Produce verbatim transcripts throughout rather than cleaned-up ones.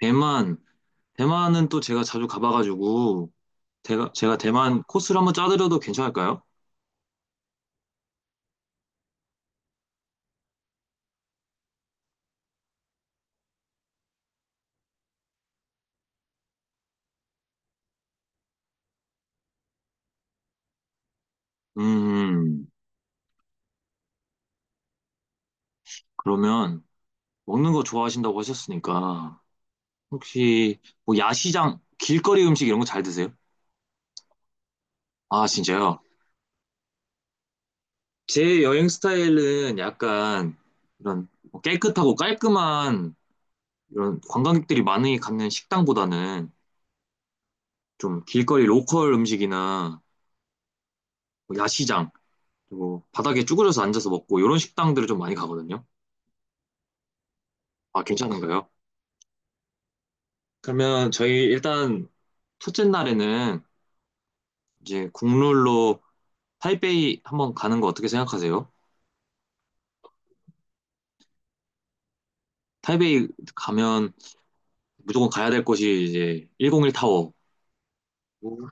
대만, 대만은 또 제가 자주 가봐가지고, 제가, 제가 대만 코스를 한번 짜드려도 괜찮을까요? 음, 그러면 먹는 거 좋아하신다고 하셨으니까, 혹시 뭐 야시장, 길거리 음식 이런 거 잘 드세요? 아, 진짜요? 제 여행 스타일은 약간 이런 뭐 깨끗하고 깔끔한 이런 관광객들이 많이 가는 식당보다는 좀 길거리 로컬 음식이나 뭐 야시장, 그리고 바닥에 쭈그려서 앉아서 먹고 이런 식당들을 좀 많이 가거든요. 아, 괜찮은가요? 그러면 저희 일단 첫째 날에는 이제 국룰로 타이베이 한번 가는 거 어떻게 생각하세요? 타이베이 가면 무조건 가야 될 곳이 이제 일공일 타워. 오.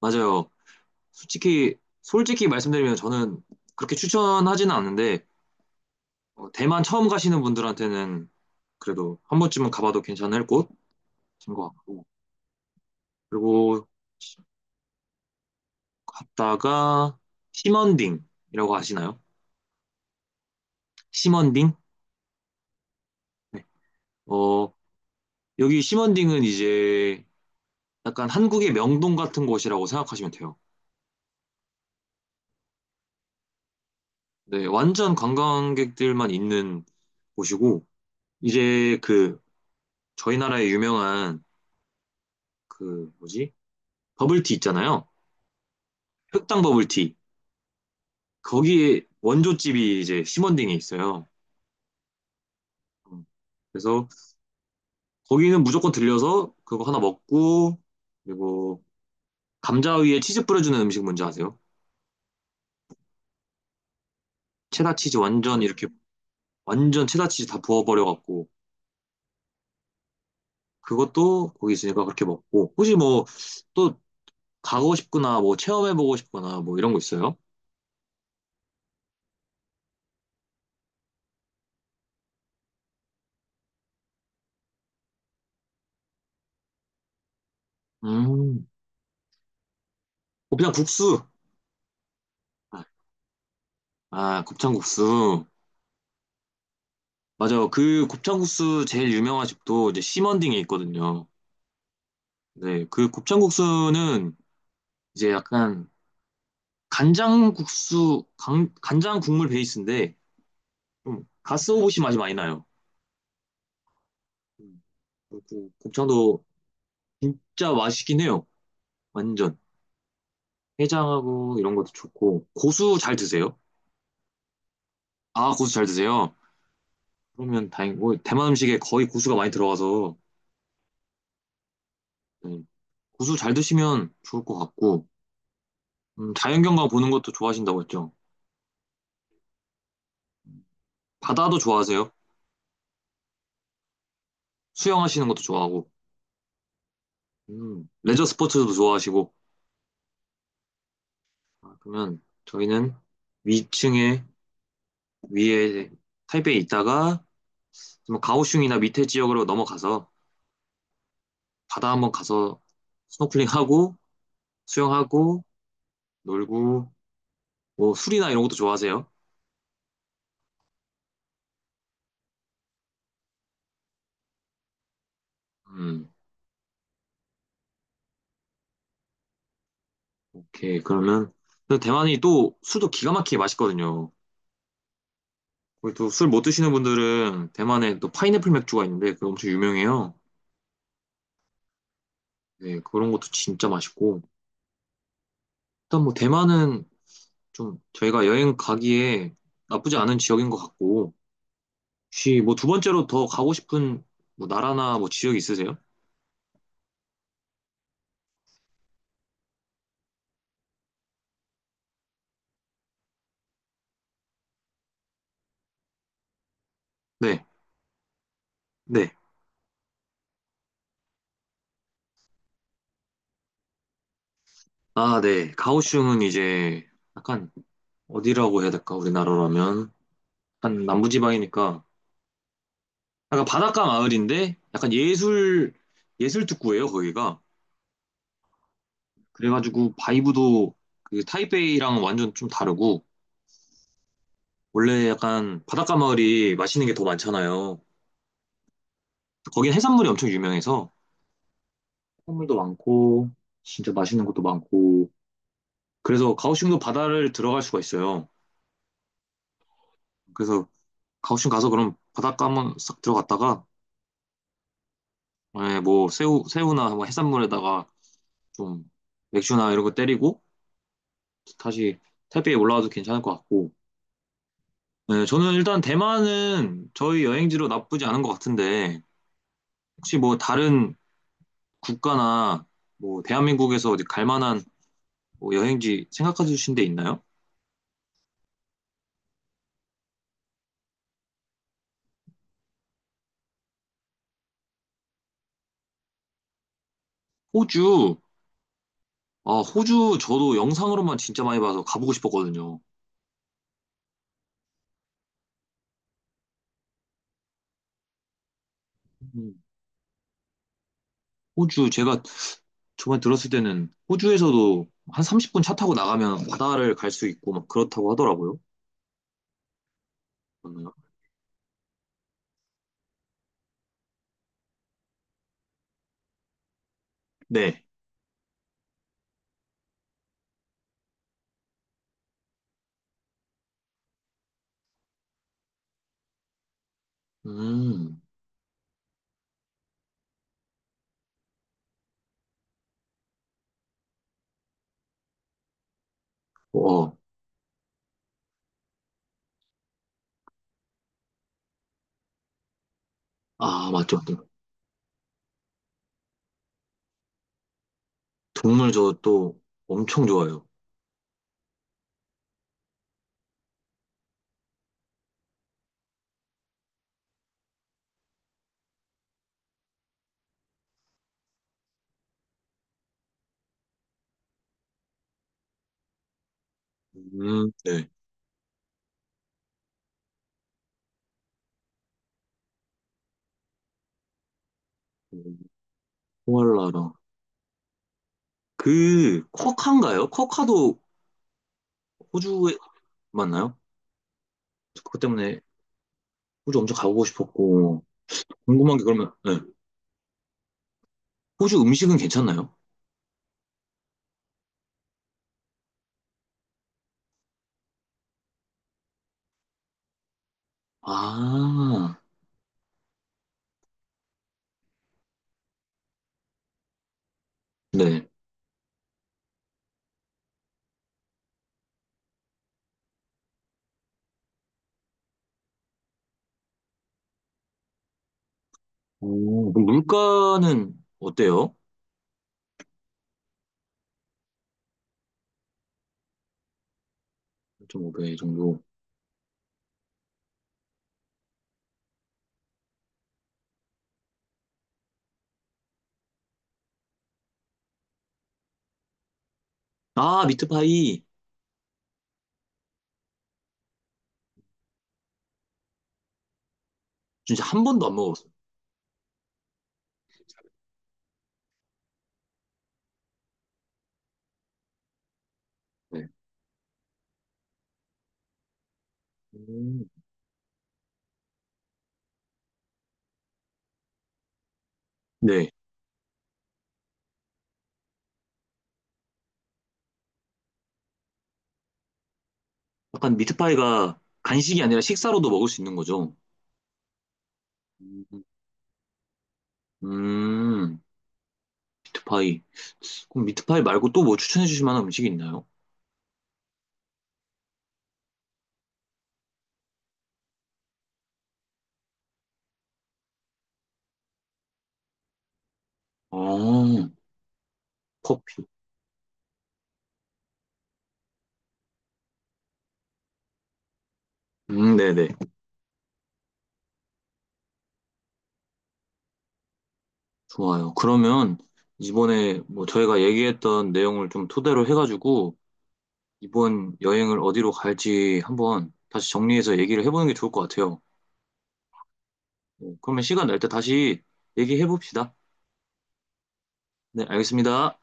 맞아요. 솔직히 솔직히 말씀드리면 저는 그렇게 추천하지는 않는데 어, 대만 처음 가시는 분들한테는 그래도 한 번쯤은 가봐도 괜찮을 곳인 것 같고 그리고 갔다가 시먼딩이라고 아시나요? 시먼딩? 네. 어, 여기 심원딩은 이제 약간 한국의 명동 같은 곳이라고 생각하시면 돼요. 네, 완전 관광객들만 있는 곳이고, 이제 그 저희 나라의 유명한 그 뭐지? 버블티 있잖아요. 흑당 버블티. 거기에 원조집이 이제 심원딩에 있어요. 음, 그래서 거기는 무조건 들려서 그거 하나 먹고, 그리고 감자 위에 치즈 뿌려주는 음식 뭔지 아세요? 체다치즈 완전 이렇게 완전 체다치즈 다 부어버려갖고 그것도 거기 있으니까 그렇게 먹고. 혹시 뭐 또 가고 싶거나 뭐 체험해보고 싶거나 뭐 이런 거 있어요? 음. 곱창국수. 아, 아, 곱창국수. 맞아요. 그 곱창국수 제일 유명한 집도 이제 심원딩에 있거든요. 네, 그 곱창국수는 이제 약간 간장국수, 간, 간장 국물 베이스인데 좀 가스오부시 맛이 많이 나요. 음, 그리고 곱창도 진짜 맛있긴 해요. 완전. 해장하고 이런 것도 좋고. 고수 잘 드세요? 아, 고수 잘 드세요? 그러면 다행, 고 대만 음식에 거의 고수가 많이 들어가서, 네. 고수 잘 드시면 좋을 것 같고, 음, 자연경관 보는 것도 좋아하신다고 했죠. 바다도 좋아하세요? 수영하시는 것도 좋아하고, 음, 레저 스포츠도 좋아하시고, 아, 그러면 저희는 위층에, 위에 타이베이에 있다가, 좀 가오슝이나 밑에 지역으로 넘어가서, 바다 한번 가서 스노클링하고, 수영하고, 놀고, 뭐, 술이나 이런 것도 좋아하세요? 음. 오케이, 그러면 그 대만이 또 술도 기가 막히게 맛있거든요. 그리고 또 술 못 드시는 분들은 대만에 또 파인애플 맥주가 있는데 그거 엄청 유명해요. 네, 그런 것도 진짜 맛있고. 일단 뭐 대만은 좀 저희가 여행 가기에 나쁘지 않은 지역인 것 같고. 혹시 뭐 두 번째로 더 가고 싶은 뭐 나라나 뭐 지역 있으세요? 네, 네. 아, 네. 가오슝은 이제 약간 어디라고 해야 될까? 우리나라라면. 약간 남부지방이니까 약간 바닷가 마을인데 약간 예술 예술 특구예요 거기가 그래가지고 바이브도 그 타이베이랑 완전 좀 다르고 원래 약간 바닷가 마을이 맛있는 게 더 많잖아요 거긴 해산물이 엄청 유명해서 해산물도 많고 진짜 맛있는 것도 많고 그래서 가오슝도 바다를 들어갈 수가 있어요 그래서 가오슝 가서 그럼 바닷가 한번 싹 들어갔다가 예, 뭐 새우 새우나 뭐 해산물에다가 좀 맥주나 이런 거 때리고 다시 타이베이 올라와도 괜찮을 것 같고 네, 저는 일단 대만은 저희 여행지로 나쁘지 않은 것 같은데, 혹시 뭐 다른 국가나 뭐 대한민국에서 어디 갈 만한 뭐 여행지 생각해 주신 데 있나요? 호주, 아, 호주 저도 영상으로만 진짜 많이 봐서 가보고 싶었거든요. 음, 호주, 제가 저번에 들었을 때는 호주에서도 한 삼십 분 차 타고 나가면 바다를 갈 수 있고 막 그렇다고 하더라고요. 맞나요? 네. 음. 어, 아, 맞죠, 맞죠. 동물 저 또 엄청 좋아요. 음, 네. 코알라랑 그 쿼카인가요? 쿼카도 호주에 맞나요? 그것 때문에 호주 엄청 가보고 싶었고 궁금한 게 그러면 네. 호주 음식은 괜찮나요? 아, 네. 오, 그럼 물가는 어때요? 일 점 오 배 정도. 아, 미트파이 진짜 한 번도 안 먹어봤어요. 네. 음. 네. 약간 미트파이가 간식이 아니라 식사로도 먹을 수 있는 거죠. 음, 음, 미트파이. 그럼 미트파이 말고 또 뭐 추천해 주실 만한 음식이 있나요? 어, 커피. 음, 네네. 좋아요. 그러면 이번에 뭐 저희가 얘기했던 내용을 좀 토대로 해가지고 이번 여행을 어디로 갈지 한번 다시 정리해서 얘기를 해보는 게 좋을 것 같아요. 네, 그러면 시간 날 때 다시 얘기해봅시다. 네, 알겠습니다.